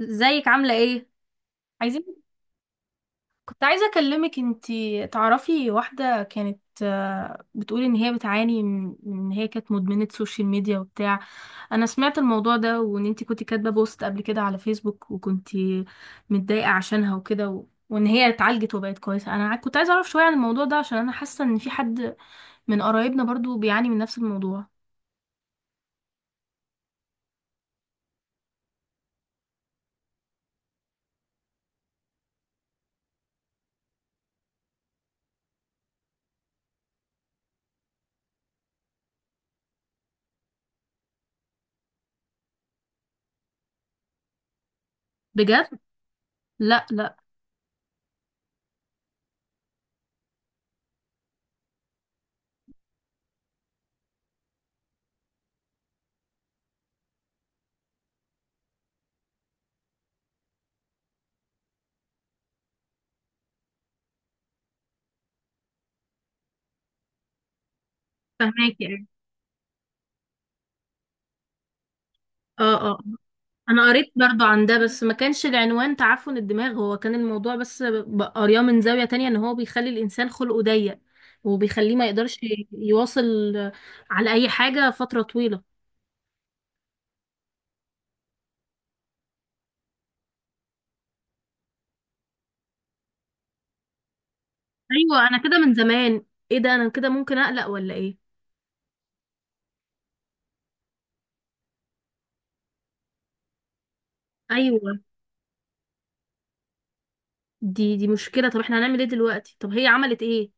ازيك عاملة ايه؟ عايزين. كنت عايزة أكلمك، انتي تعرفي واحدة كانت، بتقول ان هي بتعاني من ان هي كانت مدمنة سوشيال ميديا وبتاع. انا سمعت الموضوع ده، وان انتي كنتي كاتبة بوست قبل كده على فيسبوك، وكنتي متضايقة عشانها وكده، وان هي اتعالجت وبقت كويسة. انا كنت عايزة اعرف شوية عن الموضوع ده، عشان انا حاسة ان في حد من قرايبنا برضو بيعاني من نفس الموضوع. بجد؟ لا، لا. فهماكي. اه، اه. انا قريت برضو عن ده، بس ما كانش العنوان تعفن الدماغ، هو كان الموضوع، بس قرياه من زاوية تانية ان هو بيخلي الانسان خلقه ضيق، وبيخليه ما يقدرش يواصل على اي حاجة فترة طويلة. ايوه، انا كده من زمان. ايه ده، انا كده؟ ممكن اقلق ولا ايه؟ ايوه. دي مشكلة، طب احنا هنعمل ايه دلوقتي؟ طب هي عملت ايه؟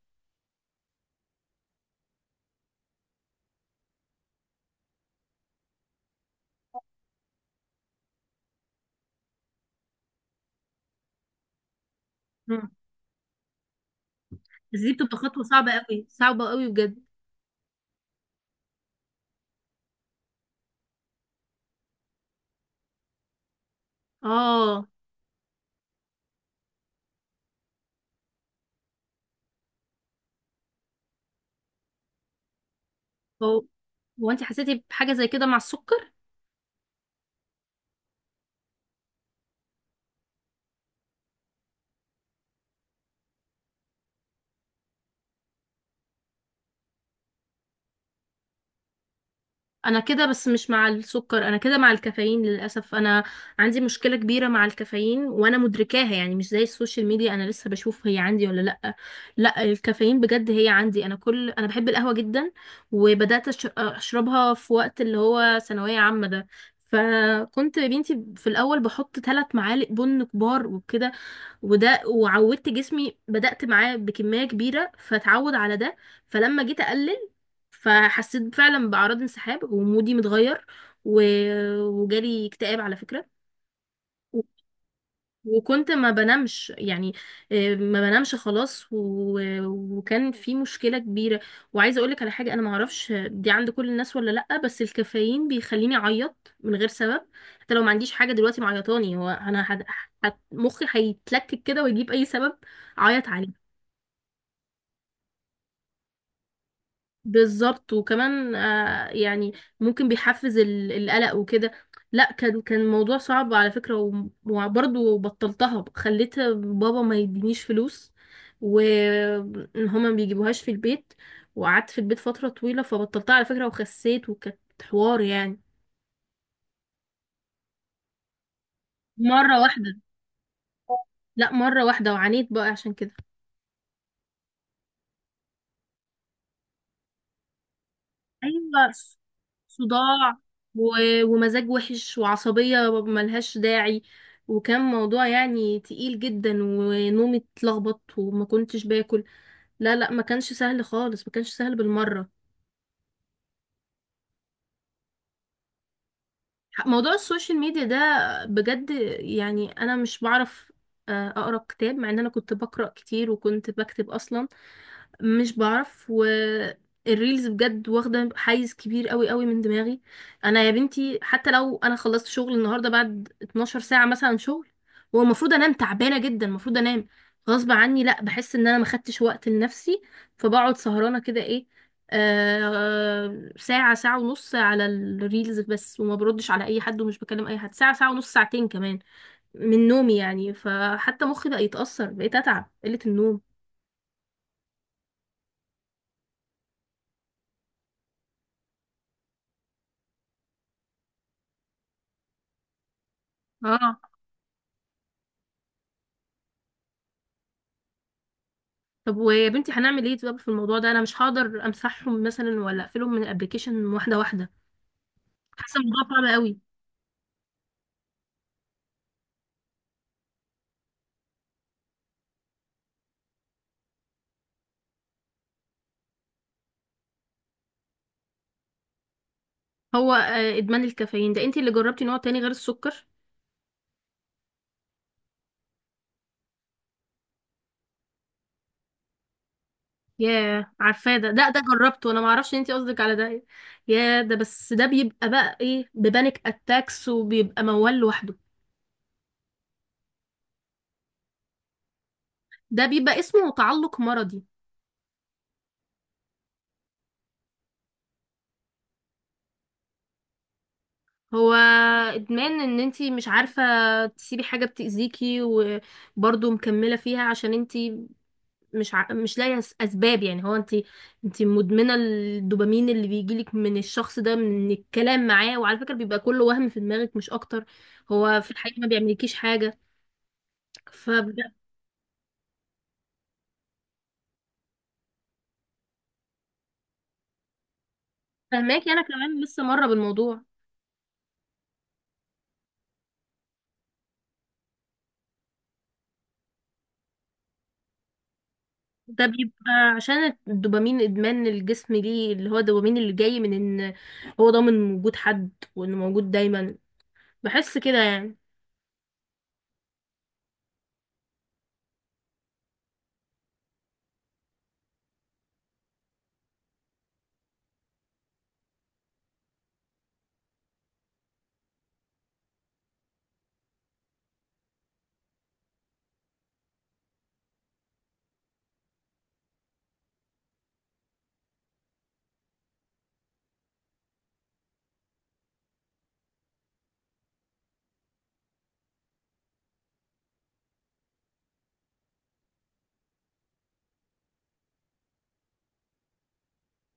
مم. بس دي بتبقى خطوة صعبة قوي صعبة قوي بجد. اه. هو هو انت حسيتي بحاجة زي كده مع السكر؟ انا كده، بس مش مع السكر، انا كده مع الكافيين. للاسف انا عندي مشكله كبيره مع الكافيين، وانا مدركاها، يعني مش زي السوشيال ميديا انا لسه بشوف هي عندي ولا لا. لا، الكافيين بجد هي عندي. انا بحب القهوه جدا، وبدات اشربها في وقت اللي هو ثانويه عامه ده، فكنت يا بنتي في الاول بحط 3 معالق بن كبار وكده، وده وعودت جسمي، بدأت معاه بكمية كبيرة فتعود على ده، فلما جيت أقلل فحسيت فعلا بأعراض انسحاب ومودي متغير، و... وجالي اكتئاب على فكرة. وكنت ما بنامش يعني، ما بنامش خلاص، وكان في مشكلة كبيرة. وعايزة اقولك على حاجة، انا ما اعرفش دي عند كل الناس ولا لأ، بس الكافيين بيخليني اعيط من غير سبب. حتى لو ما عنديش حاجة دلوقتي معيطاني، هو انا مخي هيتلكك كده ويجيب اي سبب اعيط عليه. بالظبط. وكمان يعني ممكن بيحفز القلق وكده. لا، كان موضوع صعب على فكرة، وبرضه بطلتها، خليت بابا ما يدينيش فلوس، وهما ما بيجيبوهاش في البيت، وقعدت في البيت فترة طويلة فبطلتها على فكرة، وخسيت، وكانت حوار يعني. مرة واحدة. لا مرة واحدة، وعانيت بقى عشان كده. ايوه. صداع، ومزاج وحش وعصبية ملهاش داعي، وكان موضوع يعني تقيل جدا، ونومي اتلخبط، وما كنتش باكل. لا لا، ما كانش سهل خالص، ما كانش سهل بالمرة. موضوع السوشيال ميديا ده. بجد، يعني انا مش بعرف اقرا كتاب، مع ان انا كنت بقرا كتير وكنت بكتب اصلا. مش بعرف، والريلز بجد واخدة حيز كبير قوي قوي من دماغي. انا يا بنتي حتى لو انا خلصت شغل النهاردة بعد 12 ساعة مثلا شغل، والمفروض انام تعبانة جدا، المفروض انام غصب عني، لا بحس ان انا ما خدتش وقت لنفسي، فبقعد سهرانة كده ايه، ساعة ساعة ونص على الريلز بس، وما بردش على اي حد ومش بكلم اي حد، ساعة ساعة ونص ساعتين كمان من نومي يعني، فحتى مخي بقى يتأثر، بقيت اتعب قلة النوم. اه. طب ويا بنتي هنعمل ايه؟ طب في الموضوع ده انا مش هقدر امسحهم مثلا، ولا اقفلهم من الابليكيشن واحده واحده. حاسه الموضوع صعب قوي. هو ادمان الكافيين ده، انتي اللي جربتي نوع تاني غير السكر؟ ياه عارفاه ده جربته، انا ما اعرفش انتي قصدك على ده؟ يا ده، بس ده بيبقى بقى ايه، ببانيك اتاكس، وبيبقى موال لوحده. ده بيبقى اسمه تعلق مرضي. هو ادمان، ان انتي مش عارفه تسيبي حاجه بتاذيكي، وبرضه مكمله فيها، عشان انتي مش لاقيه اسباب، يعني هو انت مدمنه الدوبامين اللي بيجيلك من الشخص ده، من الكلام معاه، وعلى فكره بيبقى كله وهم في دماغك مش اكتر. هو في الحقيقه ما بيعملكيش حاجه. ففهماكي. انا كمان لسه مره بالموضوع ده، بيبقى عشان الدوبامين ادمان الجسم ليه، اللي هو الدوبامين اللي جاي من ان هو ضامن وجود حد، وانه موجود دايما، بحس كده يعني.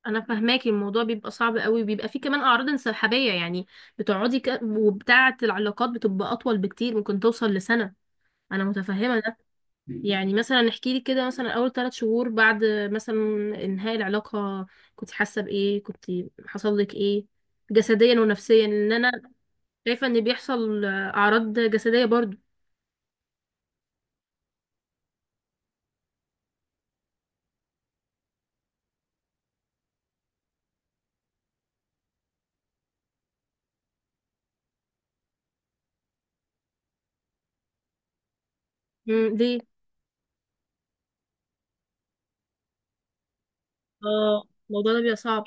انا فهماكي، الموضوع بيبقى صعب قوي، بيبقى فيه كمان اعراض انسحابيه، يعني بتقعدي وبتاعه العلاقات بتبقى اطول بكتير، ممكن توصل لسنه. انا متفهمه ده. مم. يعني مثلا احكي لي كده، مثلا اول 3 شهور بعد مثلا انهاء العلاقه، كنت حاسه بايه، كنت حصل لك ايه جسديا ونفسيا، لان انا شايفه ان بيحصل اعراض جسديه برضو. ليه؟ اه، الموضوع ده بيبقى صعب.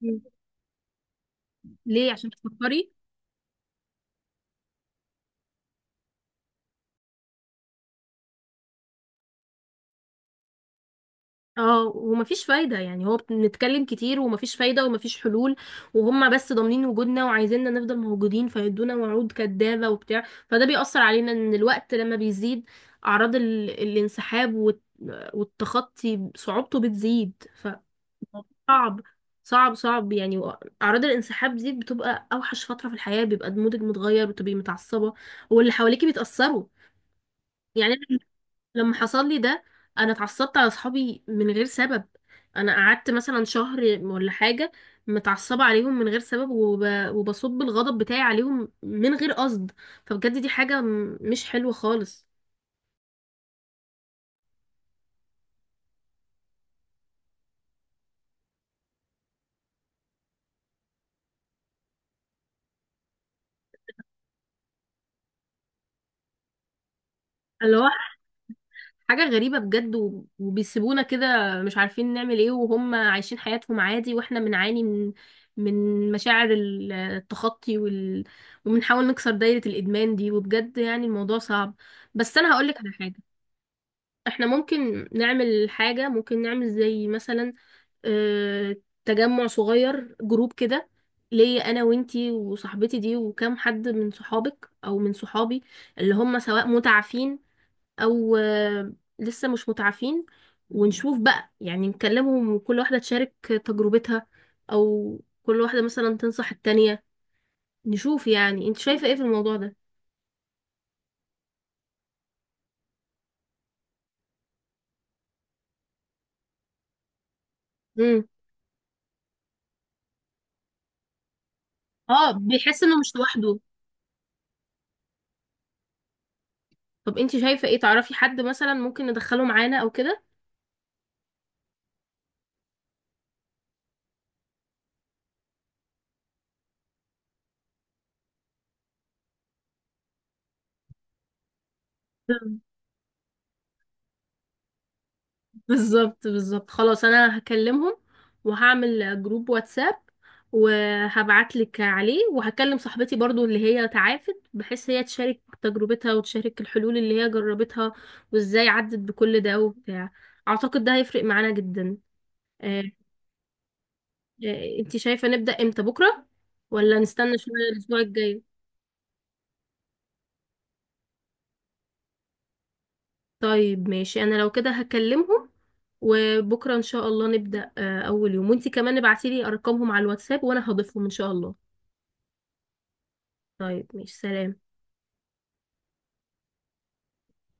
مم. ليه، عشان بتفكري؟ اه. ومفيش فايدة يعني، هو بنتكلم كتير ومفيش فايدة ومفيش حلول، وهم بس ضامنين وجودنا وعايزيننا نفضل موجودين، فيدونا وعود كدابة وبتاع، فده بيأثر علينا، ان الوقت لما بيزيد أعراض الانسحاب والتخطي، صعوبته بتزيد فصعب. صعب، صعب، صعب يعني. أعراض الانسحاب دي بتبقى أوحش فترة في الحياة، بيبقى مودك متغير، وتبقي متعصبة، واللي حواليكي بيتأثروا يعني. لما حصل لي ده انا اتعصبت على اصحابي من غير سبب، انا قعدت مثلا شهر ولا حاجه متعصبه عليهم من غير سبب، وبصب الغضب بتاعي عليهم من غير قصد، فبجد دي حاجه مش حلوه خالص. اللي هو حاجه غريبه بجد، وبيسيبونا كده، مش عارفين نعمل ايه، وهم عايشين حياتهم عادي، واحنا بنعاني من مشاعر التخطي وبنحاول نكسر دايره الادمان دي، وبجد يعني الموضوع صعب. بس انا هقولك على حاجه، احنا ممكن نعمل حاجة، ممكن نعمل زي مثلا آه، تجمع صغير، جروب كده، ليا انا وانتي وصاحبتي دي وكام حد من صحابك او من صحابي، اللي هم سواء متعافين او لسه مش متعافين، ونشوف بقى يعني نكلمهم، وكل واحدة تشارك تجربتها، او كل واحدة مثلا تنصح التانية. نشوف يعني انت شايفة ايه في الموضوع ده. امم. اه، بيحس انه مش لوحده. طب انت شايفة ايه، تعرفي حد مثلا ممكن ندخله معانا او كده؟ بالظبط، بالظبط، خلاص انا هكلمهم وهعمل جروب واتساب وهبعتلك عليه، وهكلم صاحبتي برضو اللي هي تعافت، بحيث هي تشارك تجربتها وتشارك الحلول اللي هي جربتها، وازاي عدت بكل ده وبتاع. اعتقد ده هيفرق معانا جدا. اه، اه. انت شايفة نبدأ امتى؟ بكرة ولا نستنى شوية الاسبوع الجاي؟ طيب ماشي، انا لو كده هكلمهم، وبكره ان شاء الله نبدأ اول يوم، وانتي كمان ابعتيلي ارقامهم على الواتساب، وانا هضيفهم ان شاء الله. طيب ماشي، سلام.